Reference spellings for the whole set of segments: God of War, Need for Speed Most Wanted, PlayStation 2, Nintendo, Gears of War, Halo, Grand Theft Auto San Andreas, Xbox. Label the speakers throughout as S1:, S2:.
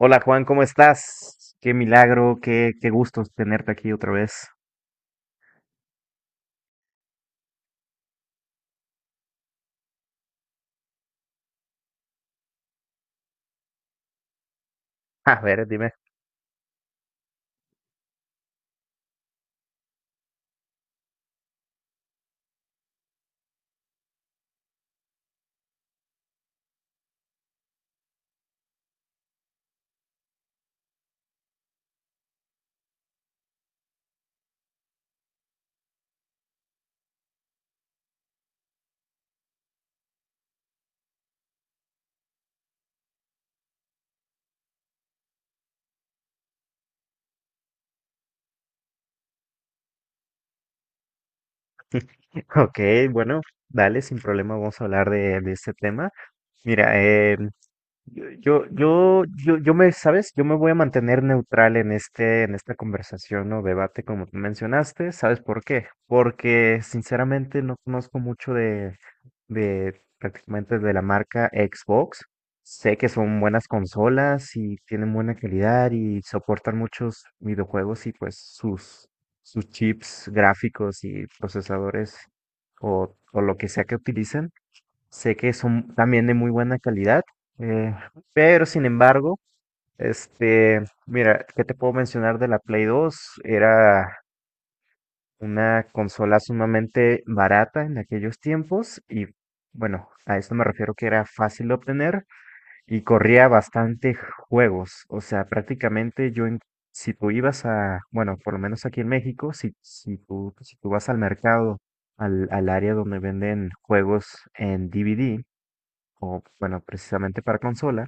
S1: Hola Juan, ¿cómo estás? Qué milagro, qué gusto tenerte aquí otra vez. A ver, dime. Ok, bueno, dale, sin problema, vamos a hablar de este tema. Mira, yo me, ¿sabes? Yo me voy a mantener neutral en en esta conversación o debate, como tú mencionaste. ¿Sabes por qué? Porque sinceramente no conozco mucho de prácticamente de la marca Xbox. Sé que son buenas consolas y tienen buena calidad y soportan muchos videojuegos y pues sus chips gráficos y procesadores o lo que sea que utilicen. Sé que son también de muy buena calidad, eh, pero sin embargo, este, mira, ¿qué te puedo mencionar de la Play 2? Era una consola sumamente barata en aquellos tiempos y bueno, a esto me refiero que era fácil de obtener y corría bastante juegos. O sea, si tú ibas a, bueno, por lo menos aquí en México, si tú vas al mercado, al área donde venden juegos en DVD, o, bueno, precisamente para consola,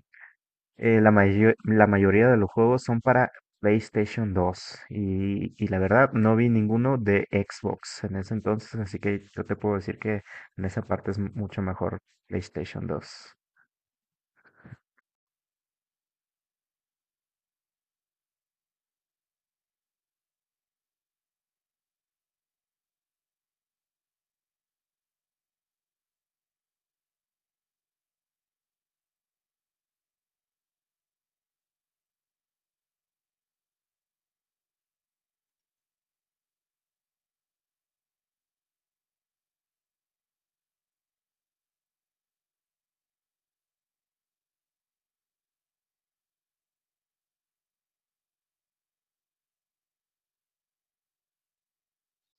S1: la mayoría de los juegos son para PlayStation 2 y la verdad no vi ninguno de Xbox en ese entonces, así que yo te puedo decir que en esa parte es mucho mejor PlayStation 2.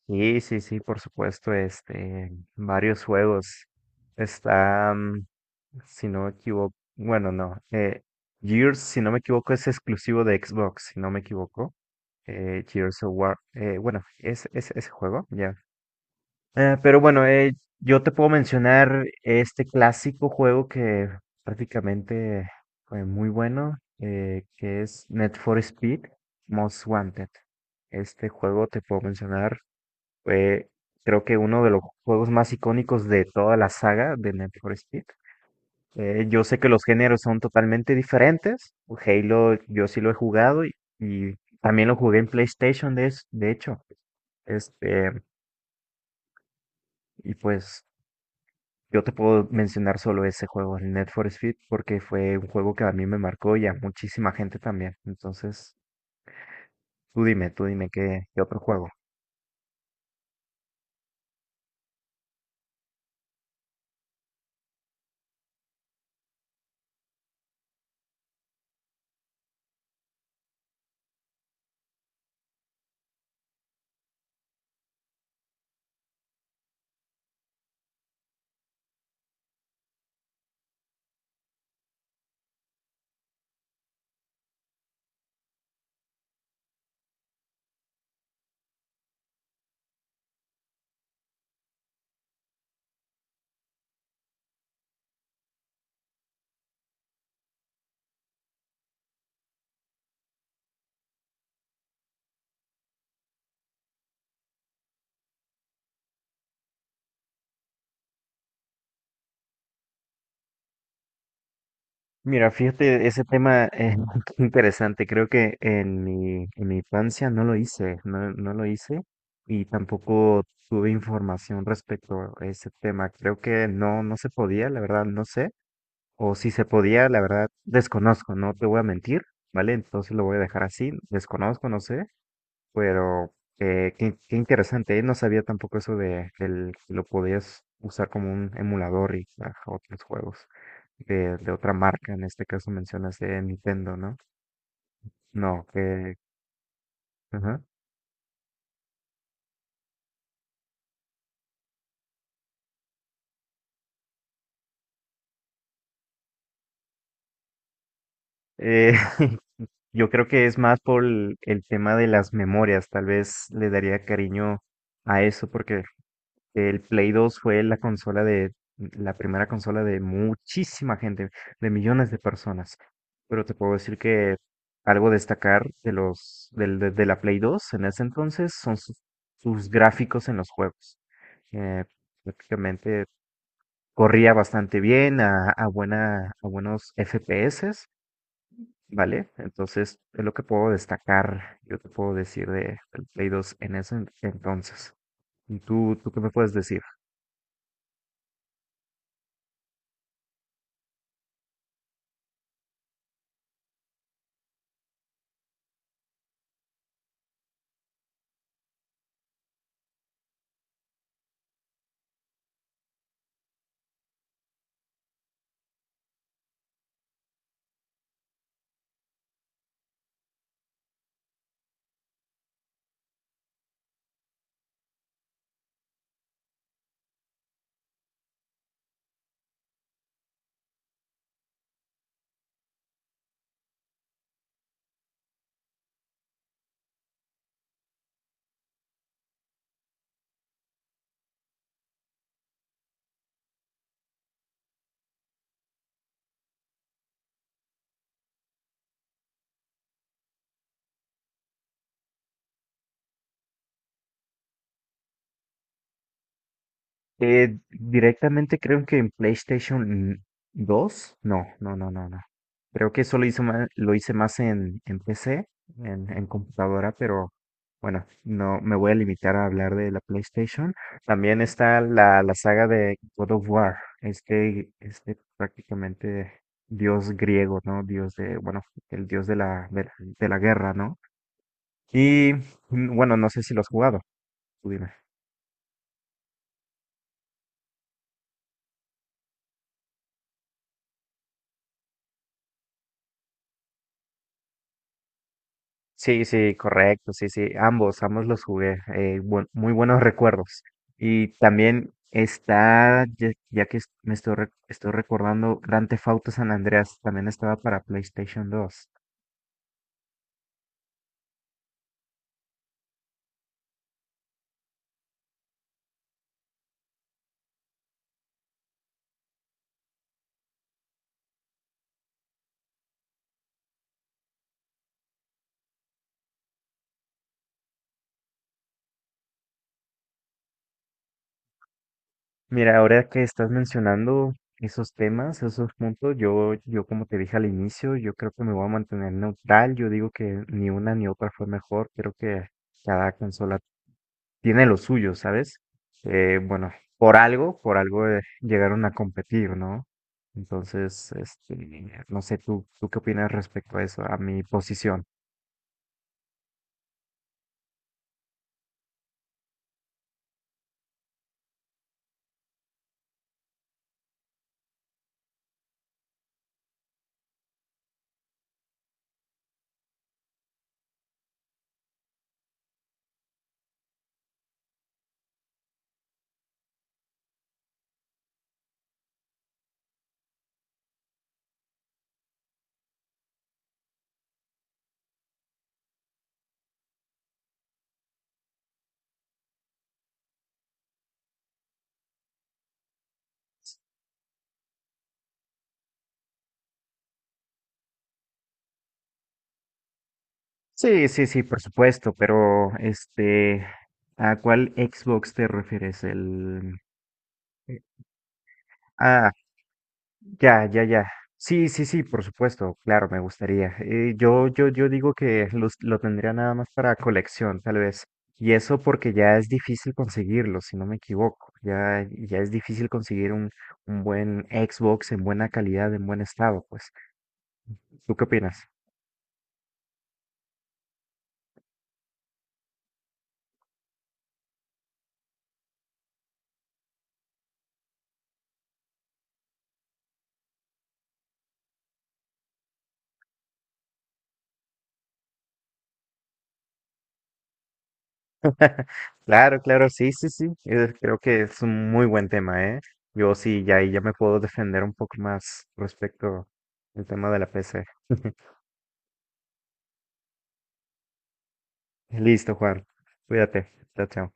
S1: Sí, sí, sí, por supuesto, varios juegos. Está, si no me equivoco, bueno, Gears, si no me equivoco, es exclusivo de Xbox, si no me equivoco. Gears of War. Eh, bueno, es ese juego, ya. Pero bueno, yo te puedo mencionar este clásico juego que prácticamente fue muy bueno, que es Need for Speed Most Wanted. Este juego te puedo mencionar, fue creo que uno de los juegos más icónicos de toda la saga de Need for Speed. Yo sé que los géneros son totalmente diferentes. Halo, yo sí lo he jugado y también lo jugué en PlayStation, de hecho. Este, y pues yo te puedo mencionar solo ese juego, el Need for Speed, porque fue un juego que a mí me marcó y a muchísima gente también. Entonces, tú dime qué otro juego. Mira, fíjate, ese tema es interesante. Creo que en mi infancia no lo hice, no lo hice y tampoco tuve información respecto a ese tema. Creo que no se podía, la verdad, no sé. O si se podía, la verdad, desconozco, no te voy a mentir, ¿vale? Entonces lo voy a dejar así, desconozco, no sé. Pero qué, qué interesante, ¿eh? No sabía tampoco eso de el, que lo podías usar como un emulador y a otros juegos de otra marca. En este caso mencionas de Nintendo, ¿no? No, que... ajá. Eh, yo creo que es más por el tema de las memorias. Tal vez le daría cariño a eso porque que el Play 2 fue la consola de, la primera consola de muchísima gente, de millones de personas. Pero te puedo decir que algo destacar de de la Play 2 en ese entonces son sus gráficos en los juegos. Eh, prácticamente corría bastante bien a buenos FPS, ¿vale? Entonces es lo que puedo destacar, yo te puedo decir del Play 2 en ese entonces. ¿Y tú qué me puedes decir? Directamente creo que en PlayStation dos. No, no. Creo que eso lo hice más en PC, en computadora, pero bueno, no me voy a limitar a hablar de la PlayStation. También está la saga de God of War, este prácticamente dios griego, ¿no? Dios de, bueno, el dios de de la guerra, ¿no? Y bueno, no sé si lo has jugado, tú dime. Sí, sí, correcto, sí, sí, ambos, ambos los jugué, muy buenos recuerdos. Y también está, ya, ya que es- me estoy, re- estoy recordando, Grand Theft Auto San Andreas también estaba para PlayStation 2. Mira, ahora que estás mencionando esos temas, esos puntos, yo como te dije al inicio, yo creo que me voy a mantener neutral, yo digo que ni una ni otra fue mejor, creo que cada consola tiene lo suyo, ¿sabes? Bueno, por algo llegaron a competir, ¿no? Entonces, no sé, tú qué opinas respecto a eso, a mi posición? Sí, sí, sí, por supuesto, pero este, ¿a cuál Xbox te refieres? El, ah, ya, ya, ya. Sí, sí, sí, por supuesto, claro, me gustaría. Yo digo que lo tendría nada más para colección, tal vez. Y eso porque ya es difícil conseguirlo, si no me equivoco. Ya es difícil conseguir un buen Xbox en buena calidad, en buen estado, pues. ¿Tú qué opinas? Claro, claro, sí, sí, sí. Eh, creo que es un muy buen tema, ¿eh? Yo sí, ya, ahí ya me puedo defender un poco más respecto al tema de la PC. Listo, Juan. Cuídate. Chao, chao.